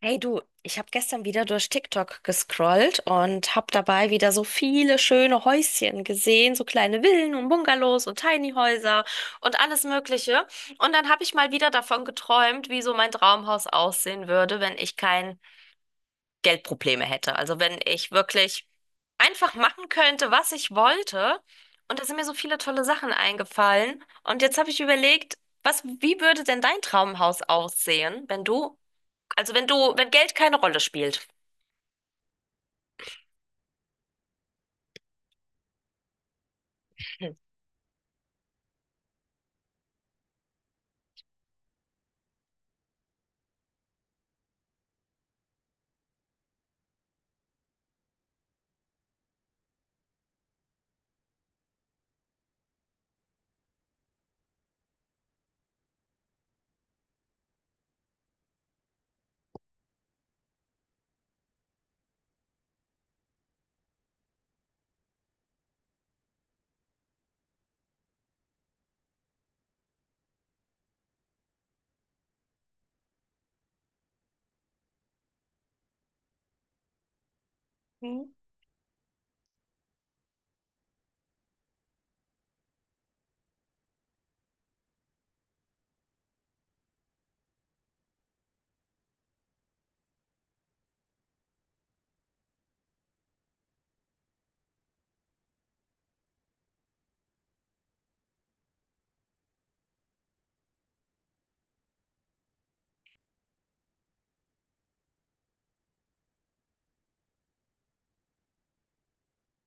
Hey du, ich habe gestern wieder durch TikTok gescrollt und habe dabei wieder so viele schöne Häuschen gesehen, so kleine Villen und Bungalows und Tiny Häuser und alles Mögliche. Und dann habe ich mal wieder davon geträumt, wie so mein Traumhaus aussehen würde, wenn ich kein Geldprobleme hätte. Also wenn ich wirklich einfach machen könnte, was ich wollte. Und da sind mir so viele tolle Sachen eingefallen. Und jetzt habe ich überlegt, was, wie würde denn dein Traumhaus aussehen, wenn du also wenn Geld keine Rolle spielt. Hm.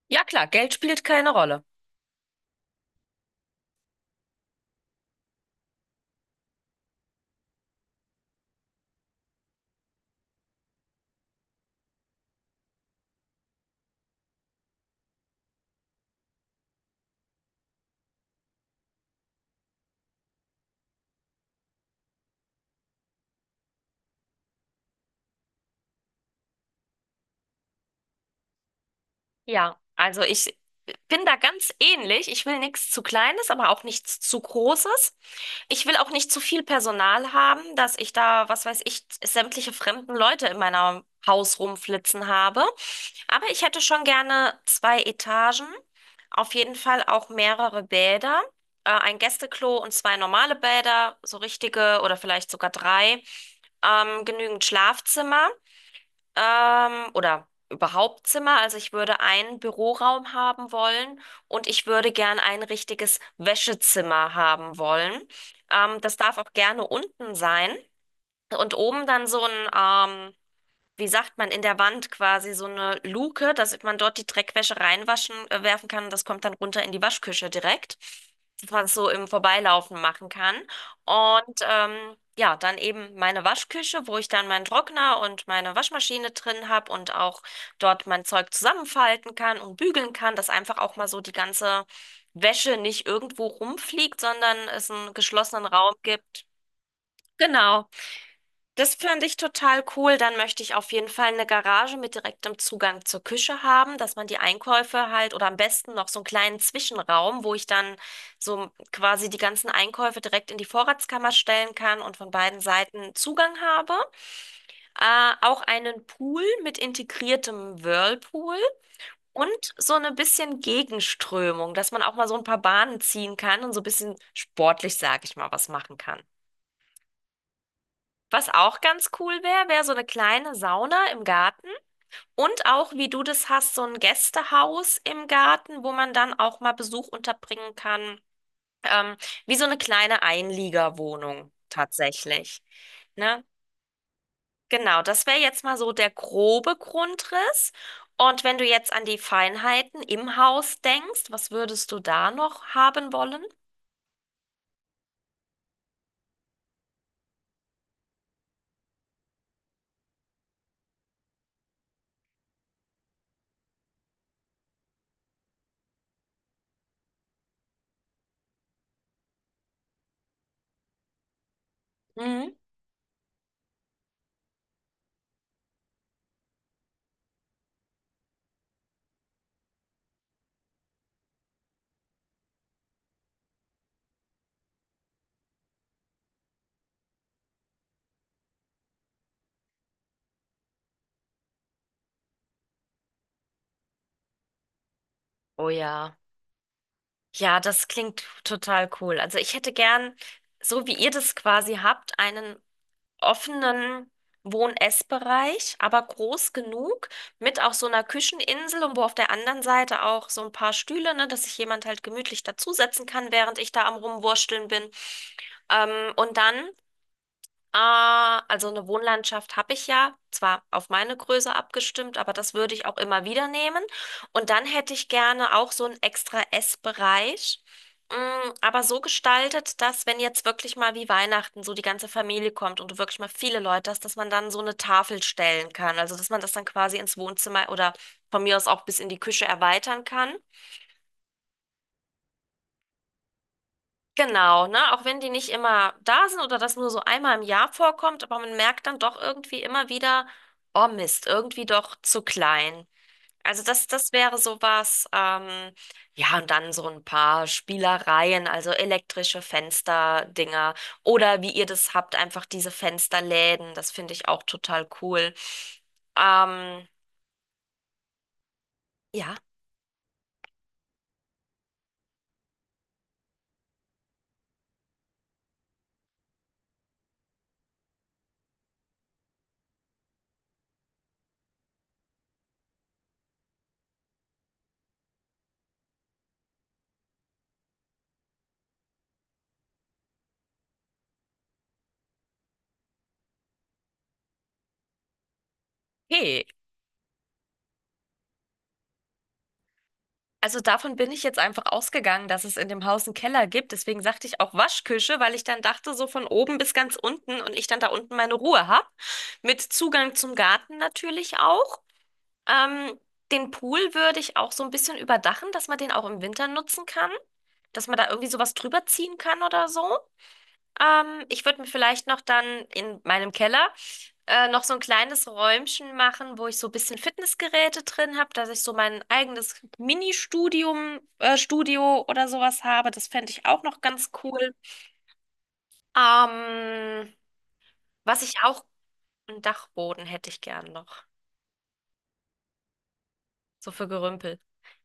Ja klar, Geld spielt keine Rolle. Ja, also ich bin da ganz ähnlich. Ich will nichts zu Kleines, aber auch nichts zu Großes. Ich will auch nicht zu viel Personal haben, dass ich da, was weiß ich, sämtliche fremden Leute in meinem Haus rumflitzen habe. Aber ich hätte schon gerne zwei Etagen, auf jeden Fall auch mehrere Bäder, ein Gästeklo und zwei normale Bäder, so richtige oder vielleicht sogar drei, genügend Schlafzimmer. Oder überhaupt Zimmer. Also ich würde einen Büroraum haben wollen und ich würde gern ein richtiges Wäschezimmer haben wollen. Das darf auch gerne unten sein und oben dann so ein ähm, wie sagt man, in der Wand quasi so eine Luke, dass man dort die Dreckwäsche reinwaschen, werfen kann und das kommt dann runter in die Waschküche direkt, dass man es so im Vorbeilaufen machen kann. Und ja, dann eben meine Waschküche, wo ich dann meinen Trockner und meine Waschmaschine drin habe und auch dort mein Zeug zusammenfalten kann und bügeln kann, dass einfach auch mal so die ganze Wäsche nicht irgendwo rumfliegt, sondern es einen geschlossenen Raum gibt. Genau. Das fand ich total cool. Dann möchte ich auf jeden Fall eine Garage mit direktem Zugang zur Küche haben, dass man die Einkäufe halt oder am besten noch so einen kleinen Zwischenraum, wo ich dann so quasi die ganzen Einkäufe direkt in die Vorratskammer stellen kann und von beiden Seiten Zugang habe. Auch einen Pool mit integriertem Whirlpool und so eine bisschen Gegenströmung, dass man auch mal so ein paar Bahnen ziehen kann und so ein bisschen sportlich, sag ich mal, was machen kann. Was auch ganz cool wäre, wäre so eine kleine Sauna im Garten und auch, wie du das hast, so ein Gästehaus im Garten, wo man dann auch mal Besuch unterbringen kann. Ähm, wie so eine kleine Einliegerwohnung tatsächlich. Ne? Genau, das wäre jetzt mal so der grobe Grundriss. Und wenn du jetzt an die Feinheiten im Haus denkst, was würdest du da noch haben wollen? Mhm. Oh ja. Ja, das klingt total cool. Also ich hätte gern, so wie ihr das quasi habt, einen offenen Wohn-Ess-Bereich, aber groß genug, mit auch so einer Kücheninsel und wo auf der anderen Seite auch so ein paar Stühle, ne, dass sich jemand halt gemütlich dazusetzen kann, während ich da am Rumwursteln bin. Ähm, und dann also eine Wohnlandschaft habe ich ja, zwar auf meine Größe abgestimmt, aber das würde ich auch immer wieder nehmen. Und dann hätte ich gerne auch so einen extra Essbereich, aber so gestaltet, dass wenn jetzt wirklich mal wie Weihnachten so die ganze Familie kommt und du wirklich mal viele Leute hast, dass man dann so eine Tafel stellen kann. Also dass man das dann quasi ins Wohnzimmer oder von mir aus auch bis in die Küche erweitern kann. Genau, ne? Auch wenn die nicht immer da sind oder das nur so einmal im Jahr vorkommt, aber man merkt dann doch irgendwie immer wieder, oh Mist, irgendwie doch zu klein. Also das wäre sowas, ja, und dann so ein paar Spielereien, also elektrische Fensterdinger oder wie ihr das habt, einfach diese Fensterläden, das finde ich auch total cool. Ähm, ja. Okay, also davon bin ich jetzt einfach ausgegangen, dass es in dem Haus einen Keller gibt. Deswegen sagte ich auch Waschküche, weil ich dann dachte, so von oben bis ganz unten und ich dann da unten meine Ruhe habe. Mit Zugang zum Garten natürlich auch. Ähm, den Pool würde ich auch so ein bisschen überdachen, dass man den auch im Winter nutzen kann. Dass man da irgendwie sowas drüber ziehen kann oder so. Ich würde mir vielleicht noch dann in meinem Keller noch so ein kleines Räumchen machen, wo ich so ein bisschen Fitnessgeräte drin habe, dass ich so mein eigenes Mini-Studium, Studio oder sowas habe. Das fände ich auch noch ganz cool. Ähm, was ich auch, einen Dachboden hätte ich gern noch. So für Gerümpel.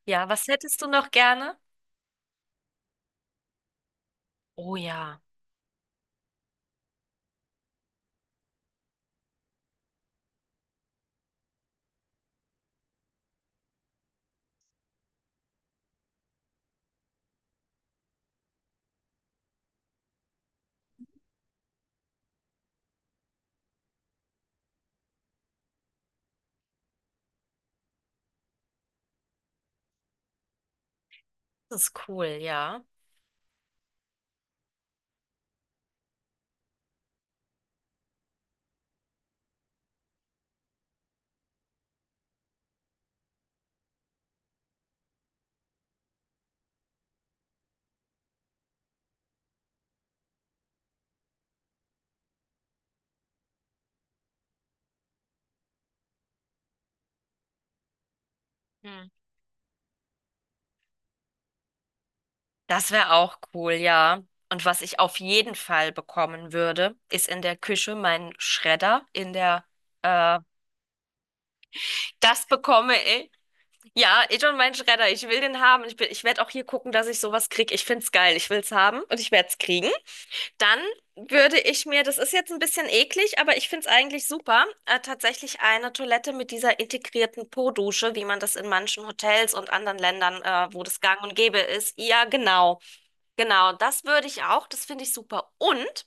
Ja, was hättest du noch gerne? Oh ja, das ist cool, ja. Das wäre auch cool, ja. Und was ich auf jeden Fall bekommen würde, ist in der Küche mein Schredder. Äh, das bekomme ich. Ja, ich und mein Schredder. Ich will den haben. Ich werde auch hier gucken, dass ich sowas kriege. Ich find's geil. Ich will's haben und ich werde es kriegen. Dann würde ich mir, das ist jetzt ein bisschen eklig, aber ich find's eigentlich super, tatsächlich eine Toilette mit dieser integrierten Po-Dusche, wie man das in manchen Hotels und anderen Ländern, wo das gang und gäbe ist. Ja, genau. Genau, das würde ich auch. Das finde ich super. Und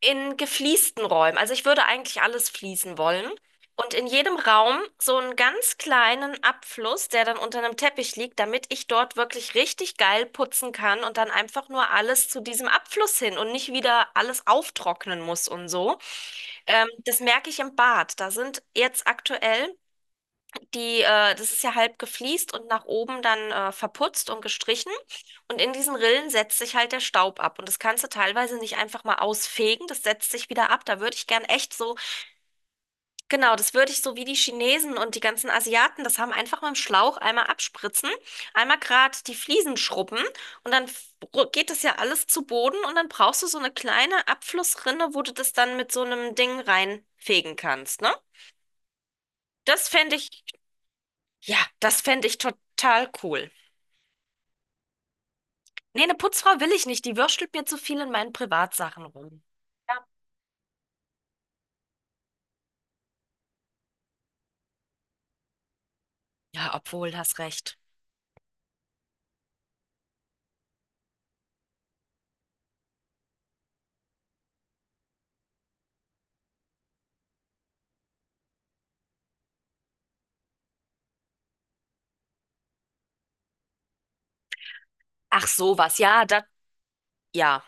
in gefliesten Räumen. Also ich würde eigentlich alles fließen wollen. Und in jedem Raum so einen ganz kleinen Abfluss, der dann unter einem Teppich liegt, damit ich dort wirklich richtig geil putzen kann und dann einfach nur alles zu diesem Abfluss hin und nicht wieder alles auftrocknen muss und so. Das merke ich im Bad. Da sind jetzt aktuell das ist ja halb gefliest und nach oben dann verputzt und gestrichen. Und in diesen Rillen setzt sich halt der Staub ab. Und das kannst du teilweise nicht einfach mal ausfegen. Das setzt sich wieder ab. Da würde ich gern echt so, genau, das würde ich so wie die Chinesen und die ganzen Asiaten, das haben einfach mit dem Schlauch einmal abspritzen, einmal gerade die Fliesen schrubben und dann geht das ja alles zu Boden und dann brauchst du so eine kleine Abflussrinne, wo du das dann mit so einem Ding reinfegen kannst, ne? Das fände ich, ja, das fände ich total cool. Nee, eine Putzfrau will ich nicht. Die würstelt mir zu viel in meinen Privatsachen rum. Ja. Ja, obwohl, hast recht. Ach, sowas. Ja, da, ja.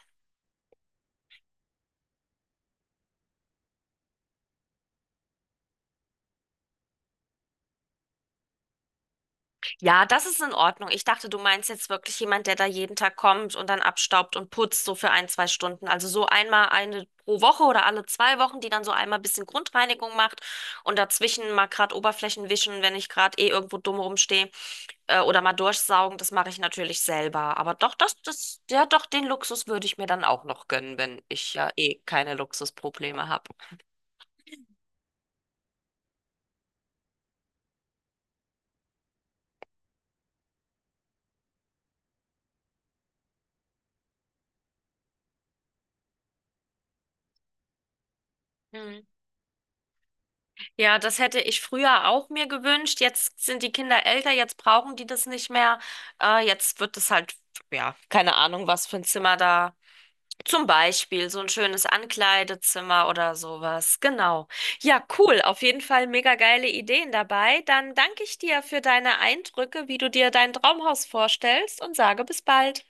Ja, das ist in Ordnung. Ich dachte, du meinst jetzt wirklich jemand, der da jeden Tag kommt und dann abstaubt und putzt, so für ein, zwei Stunden. Also so einmal eine pro Woche oder alle zwei Wochen, die dann so einmal ein bisschen Grundreinigung macht und dazwischen mal gerade Oberflächen wischen, wenn ich gerade eh irgendwo dumm rumstehe. Oder mal durchsaugen, das mache ich natürlich selber. Aber doch, ja, doch, den Luxus würde ich mir dann auch noch gönnen, wenn ich ja eh keine Luxusprobleme habe. Hm. Ja, das hätte ich früher auch mir gewünscht. Jetzt sind die Kinder älter, jetzt brauchen die das nicht mehr. Jetzt wird es halt, ja, keine Ahnung, was für ein Zimmer da. Zum Beispiel so ein schönes Ankleidezimmer oder sowas. Genau. Ja, cool. Auf jeden Fall mega geile Ideen dabei. Dann danke ich dir für deine Eindrücke, wie du dir dein Traumhaus vorstellst und sage bis bald.